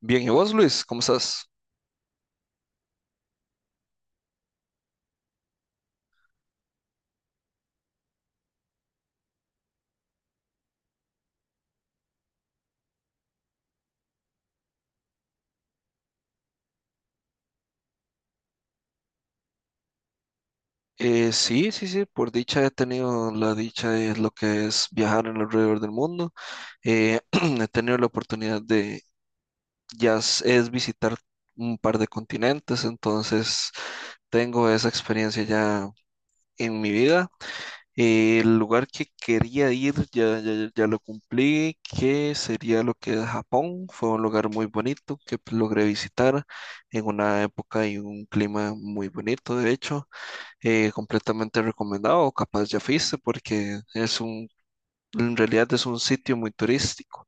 Bien, ¿y vos, Luis? ¿Cómo estás? Sí, sí, sí, por dicha he tenido la dicha de lo que es viajar en alrededor del mundo. Eh, he tenido la oportunidad de, ya es visitar un par de continentes, entonces tengo esa experiencia ya en mi vida. El lugar que quería ir ya lo cumplí, que sería lo que es Japón. Fue un lugar muy bonito que logré visitar en una época y un clima muy bonito, de hecho. Completamente recomendado, o capaz ya fuiste, porque en realidad es un sitio muy turístico.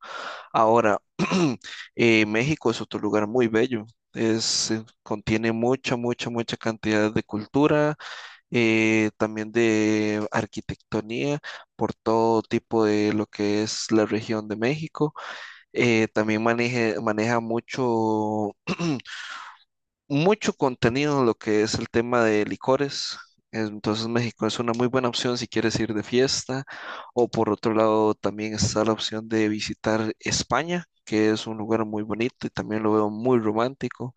Ahora, México es otro lugar muy bello. Es, contiene mucha, mucha, mucha cantidad de cultura, también de arquitectonía por todo tipo de lo que es la región de México. También maneja mucho mucho contenido en lo que es el tema de licores. Entonces México es una muy buena opción si quieres ir de fiesta, o por otro lado también está la opción de visitar España, que es un lugar muy bonito y también lo veo muy romántico.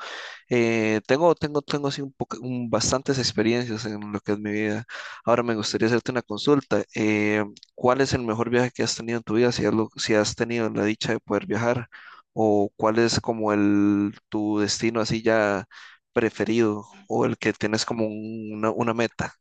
Tengo así bastantes experiencias en lo que es mi vida. Ahora me gustaría hacerte una consulta. ¿cuál es el mejor viaje que has tenido en tu vida? Si si has tenido la dicha de poder viajar, o cuál es como el tu destino así ya preferido, o el que tienes como una meta.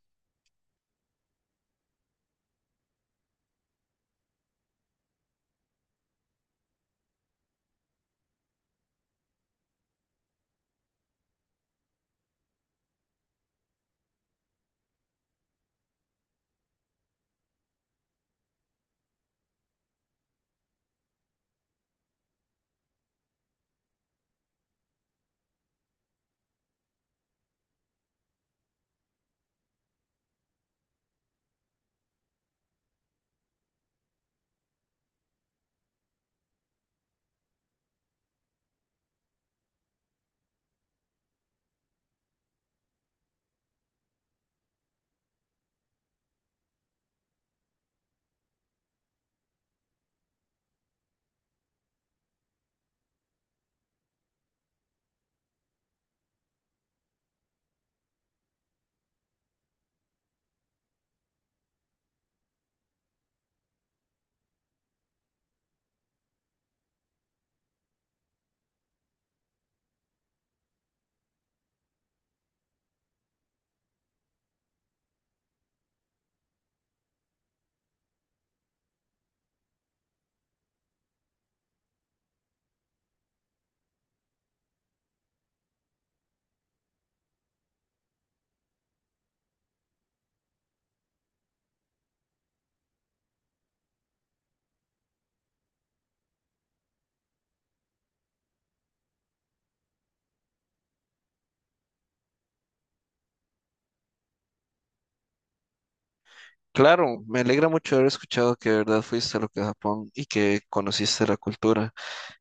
Claro, me alegra mucho haber escuchado que de verdad fuiste a lo que es Japón y que conociste la cultura.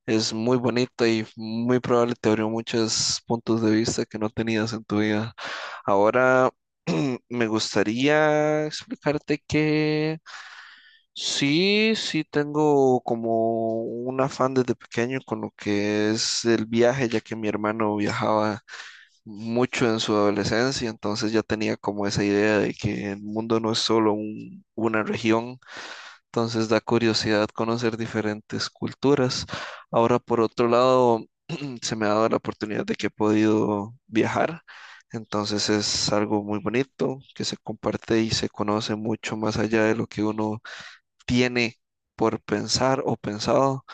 Es muy bonita y muy probable te abrió muchos puntos de vista que no tenías en tu vida. Ahora me gustaría explicarte que sí, sí tengo como un afán desde pequeño con lo que es el viaje, ya que mi hermano viajaba mucho en su adolescencia, entonces ya tenía como esa idea de que el mundo no es solo una región, entonces da curiosidad conocer diferentes culturas. Ahora, por otro lado, se me ha dado la oportunidad de que he podido viajar, entonces es algo muy bonito que se comparte y se conoce mucho más allá de lo que uno tiene por pensar o pensado.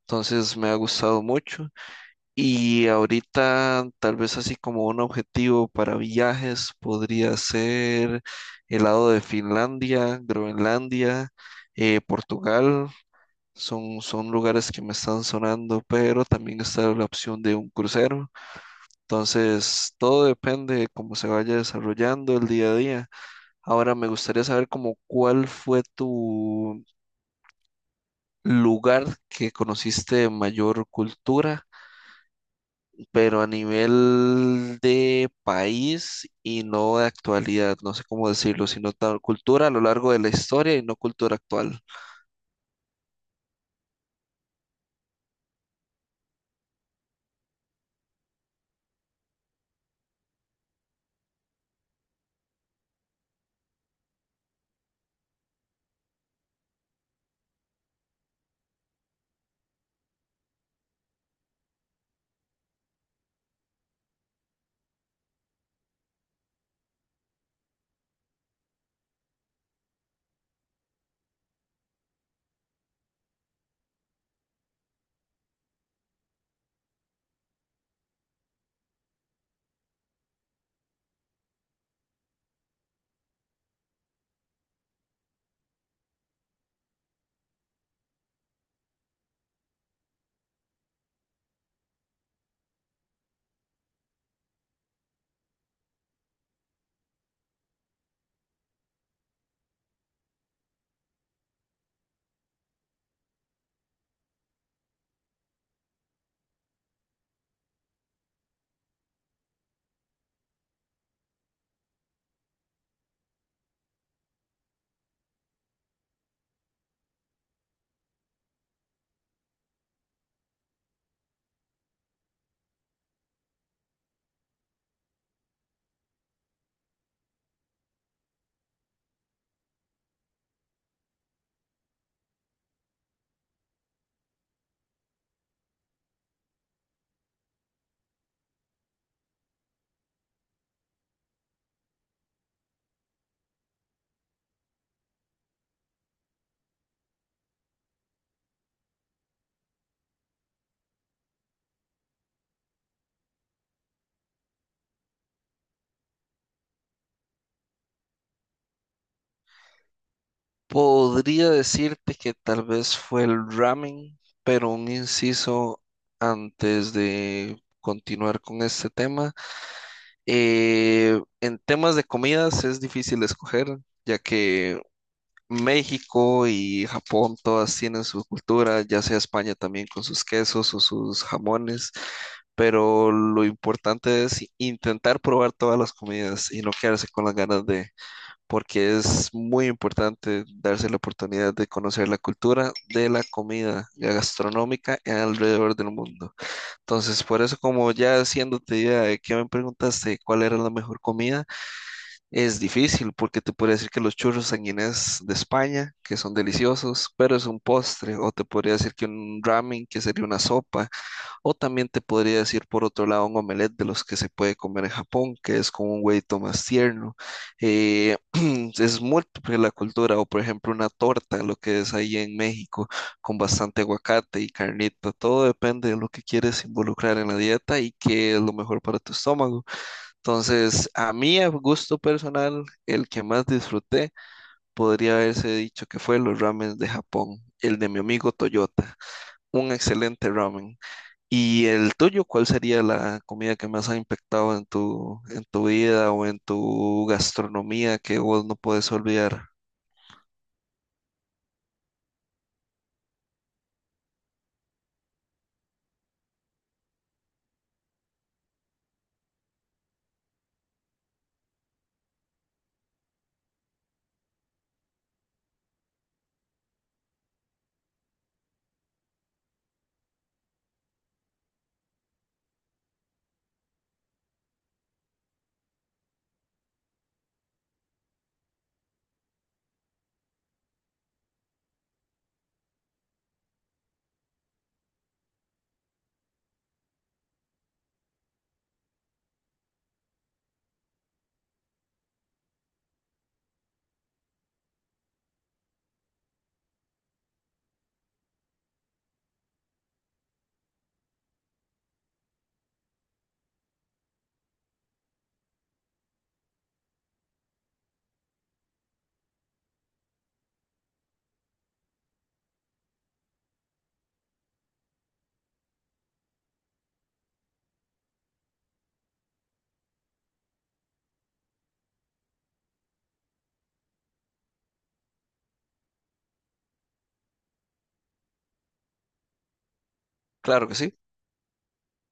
Entonces me ha gustado mucho, y ahorita tal vez así como un objetivo para viajes podría ser el lado de Finlandia, Groenlandia, Portugal, son lugares que me están sonando, pero también está la opción de un crucero. Entonces, todo depende de cómo se vaya desarrollando el día a día. Ahora me gustaría saber como cuál fue tu lugar que conociste de mayor cultura, pero a nivel de país y no de actualidad, no sé cómo decirlo, sino tal cultura a lo largo de la historia y no cultura actual. Podría decirte que tal vez fue el ramen, pero un inciso antes de continuar con este tema. En temas de comidas es difícil escoger, ya que México y Japón todas tienen su cultura, ya sea España también con sus quesos o sus jamones, pero lo importante es intentar probar todas las comidas y no quedarse con las ganas de, porque es muy importante darse la oportunidad de conocer la cultura de la comida gastronómica alrededor del mundo. Entonces, por eso, como ya haciéndote idea de que me preguntaste cuál era la mejor comida, es difícil porque te podría decir que los churros sanguinés de España, que son deliciosos, pero es un postre, o te podría decir que un ramen, que sería una sopa, o también te podría decir por otro lado un omelette de los que se puede comer en Japón, que es con un huevito más tierno. Eh, es múltiple la cultura, o por ejemplo una torta, lo que es ahí en México, con bastante aguacate y carnita. Todo depende de lo que quieres involucrar en la dieta y qué es lo mejor para tu estómago. Entonces, a mí, a gusto personal, el que más disfruté podría haberse dicho que fue los ramen de Japón, el de mi amigo Toyota, un excelente ramen. ¿Y el tuyo, cuál sería la comida que más ha impactado en en tu vida o en tu gastronomía que vos no puedes olvidar? Claro que sí.